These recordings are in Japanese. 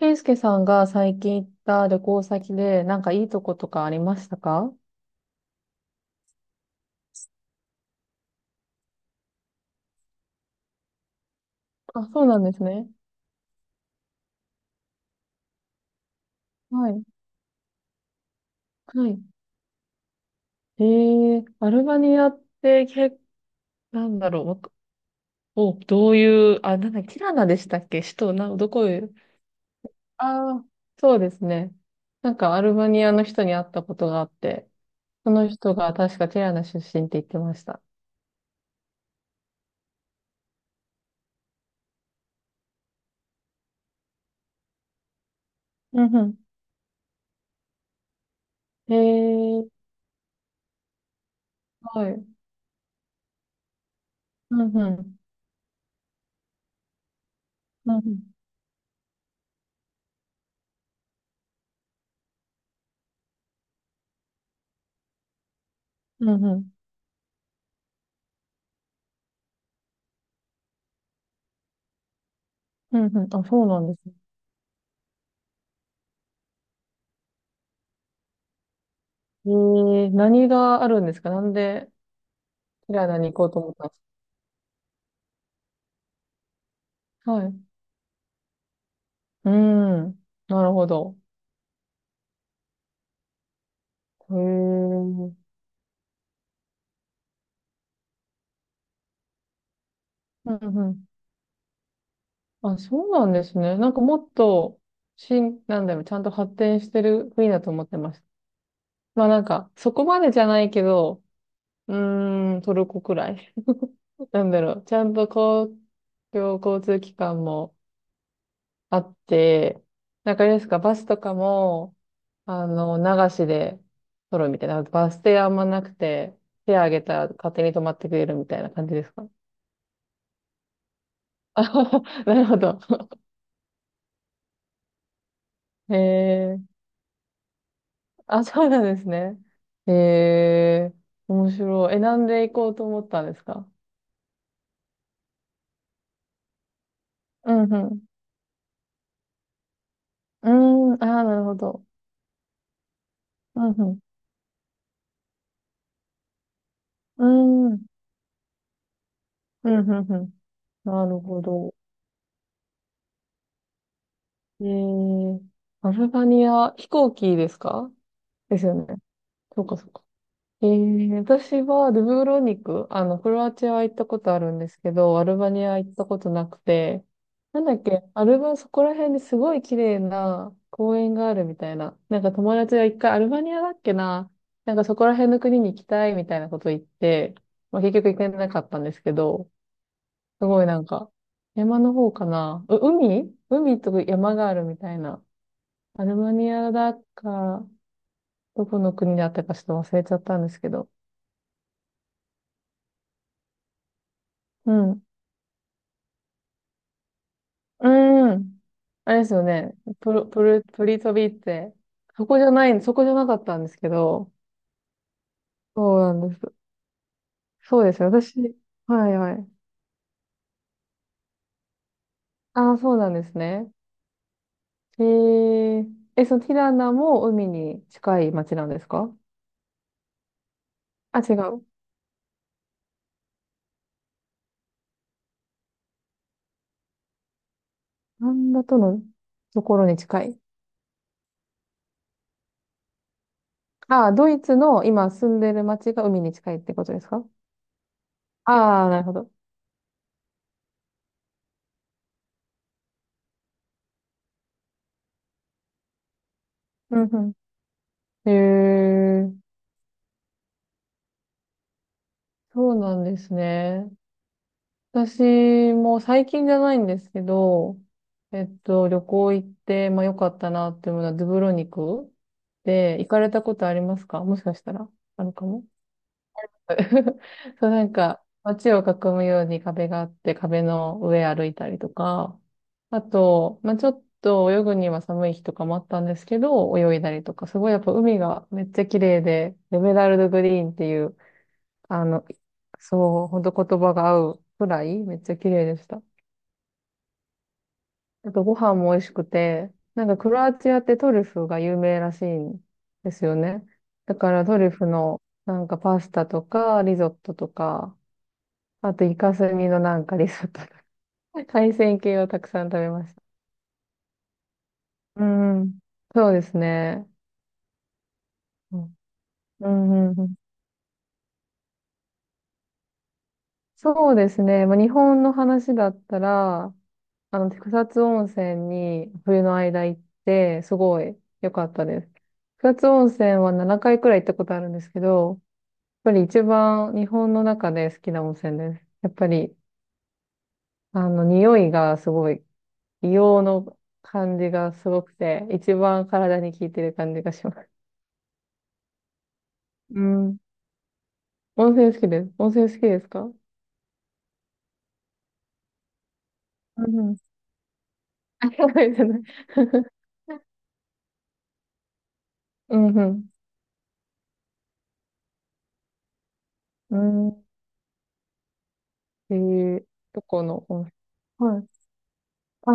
健介さんが最近行った旅行先で、なんかいいとことかありましたか？あ、そうなんですね。はい。はい。えアルバニアってなんだろう、お、どういう、あ、なんだ、ティラナでしたっけ、首都、どこへ。ああ、そうですね。なんかアルバニアの人に会ったことがあって、その人が確かティラナ出身って言ってました。うんうん。えー、はい。うんうん。うんうん。うんうん。うんうん。あ、そうなんですね。えー、何があるんですか？なんで、平ィラナに行こうと思ったんですか？はい。うん。なるほど。へえ。うんうん。あ、そうなんですね。なんかもっと、なんだろう、ちゃんと発展してる国だと思ってました。まあなんか、そこまでじゃないけど、うトルコくらい。なんだろう、ちゃんと公共交通機関もあって、なんかあれですか、バスとかも、流しで撮るみたいな。バス停あんまなくて、手あげたら勝手に止まってくれるみたいな感じですか？あ なるほど。へえ。あ、そうなんですね。へえ。面白い。え、なんで行こうと思ったんですか？うんうん。うーん。ああ、なるほど。うんうん。うーん。うんうんうん。なるほど。えー、アルバニア、飛行機ですか？ですよね。そうかそうか。えー、私はドゥブロニク、クロアチアは行ったことあるんですけど、アルバニア行ったことなくて、なんだっけ、アルバ、そこら辺にすごい綺麗な公園があるみたいな、なんか友達が一回アルバニアだっけな、なんかそこら辺の国に行きたいみたいなこと言って、まあ、結局行けなかったんですけど、すごいなんか、山の方かな、海と山があるみたいな、アルバニアだか、どこの国だったかちょっと忘れちゃったんですけど、うんうーん。あれですよね。プロ、プル、プリトビって、そこじゃなかったんですけど、そうなんです。そうですよ。はいはい。ああ、そうなんですね。えー、そのティラナも海に近い町なんですか？あ、違う。オランダとのところに近い。ああ、ドイツの今住んでる町が海に近いってことですか？ああー、なるほど。うんうん。へえー、そうなんですね。私も最近じゃないんですけど、旅行行って、まあ良かったなっていうものはドゥブロニクで。行かれたことありますか？もしかしたら。あるかも。そう、なんか街を囲むように壁があって壁の上歩いたりとか、あと、まあちょっと泳ぐには寒い日とかもあったんですけど、泳いだりとか、すごいやっぱ海がめっちゃ綺麗で、エメラルドグリーンっていう、あの、そう、ほんと言葉が合うくらいめっちゃ綺麗でした。あとご飯も美味しくて、なんかクロアチアってトリュフが有名らしいんですよね。だからトリュフのなんかパスタとかリゾットとか、あとイカスミのなんかリゾットとか、海鮮系をたくさん食べました。うん。そうですね。うん、うん、うんうん、そうですね。まあ、日本の話だったら、草津温泉に冬の間行って、すごい良かったです。草津温泉は7回くらい行ったことあるんですけど、ぱり一番日本の中で好きな温泉です。やっぱり、匂いがすごい、硫黄の感じがすごくて、一番体に効いてる感じがします。うん。温泉好きです。温泉好きですか？うんうん。あ、そうですね。うんうん。うん。えー、どこの温泉？はい。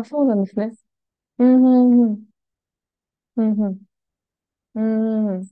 あ、そうなんですね。うんうんうん。うんうん。うんうん。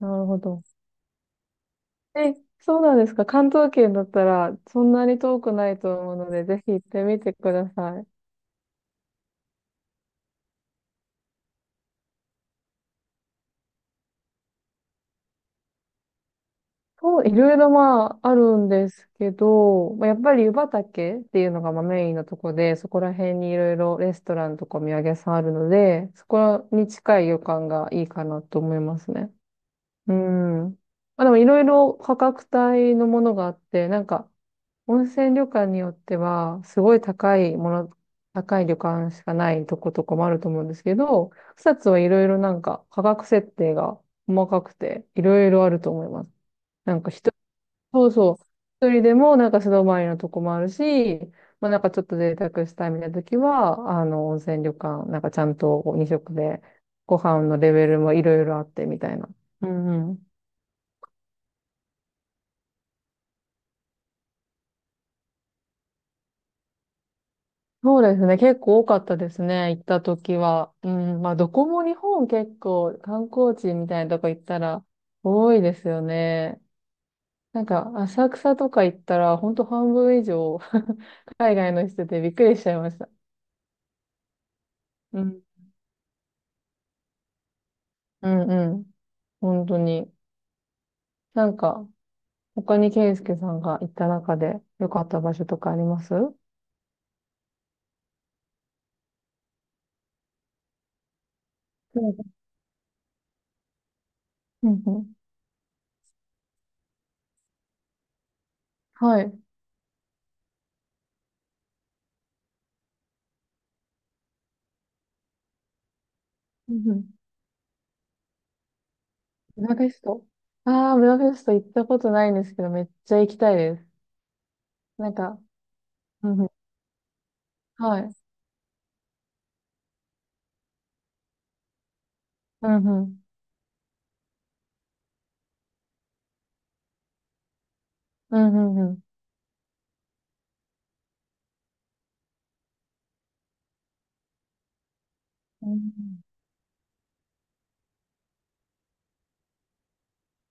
なるほど。え、そうなんですか。関東圏だったら、そんなに遠くないと思うので、ぜひ行ってみてください。そう、いろいろまあ、あるんですけど、まあ、やっぱり湯畑っていうのがまあメインのとこで、そこら辺にいろいろレストランとかお土産屋さんあるので、そこに近い旅館がいいかなと思いますね。うん。まあ、でもいろいろ価格帯のものがあって、なんか、温泉旅館によっては、すごい高い旅館しかないとことかもあると思うんですけど、草津はいろいろなんか価格設定が細かくて、いろいろあると思います。なんか人、そうそう、一人でもなんか素泊まりのとこもあるし、まあなんかちょっと贅沢したいみたいな時は、温泉旅館、なんかちゃんと2食で、ご飯のレベルもいろいろあってみたいな。うんうん。そうですね。結構多かったですね。行った時は。うん。まあ、どこも日本結構観光地みたいなとこ行ったら多いですよね。なんか、浅草とか行ったら、ほんと半分以上 海外の人でびっくりしちゃいました。うん。うんうん。本当に。なんか、他にケイスケさんが行った中で良かった場所とかあります？うん。うんうん。はい。うんうん。ブダペスト。ああ、ブダペスト行ったことないんですけど、めっちゃ行きたいです。なんか、うんうん。はい。うんうん。うんうんうん。うん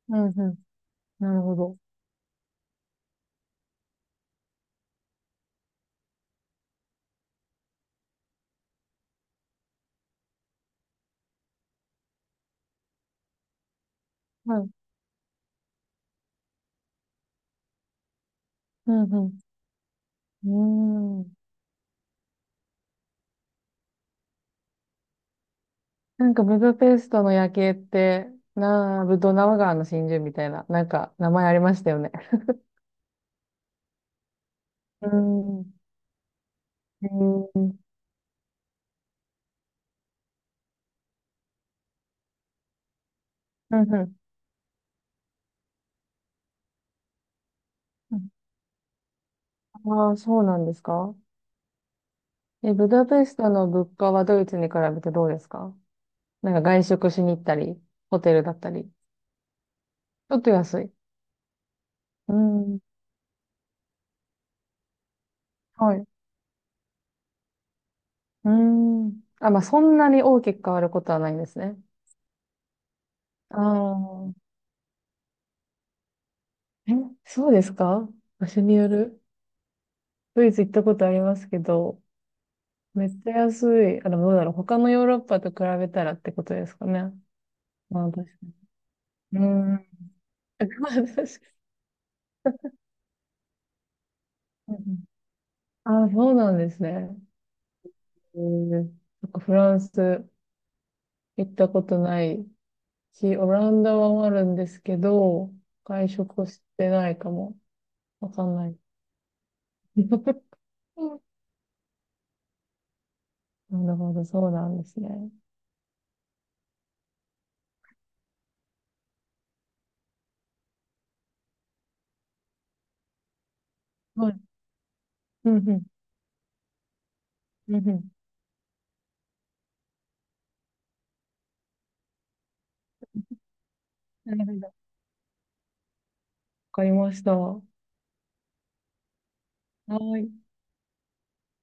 うんうん。なるほど。はい。うんうん。うーん。なんかブダペストの夜景って、なあ、ブドナウ川の真珠みたいな、なんか名前ありましたよね。うーん。へーうんうん。ああ、そうなんですか？え、ブダペストの物価はドイツに比べてどうですか？なんか外食しに行ったり、ホテルだったり。ちょっと安い。うん。はい。うーん。あ、まあ、そんなに大きく変わることはないんですね。ああ。え、そうですか？場所による。ドイツ行ったことありますけど、めっちゃ安い。あ、でもどうだろう。他のヨーロッパと比べたらってことですかね。まあ、確かに。うーん。まあ、確かに。ああ、そうなんですね。えー、なんかフランス行ったことないし、オランダはあるんですけど、外食をしてないかも。わかんない。なるほど、そうなんですね。はい。うんうん、うんうん。なるほど。わかりました。はい。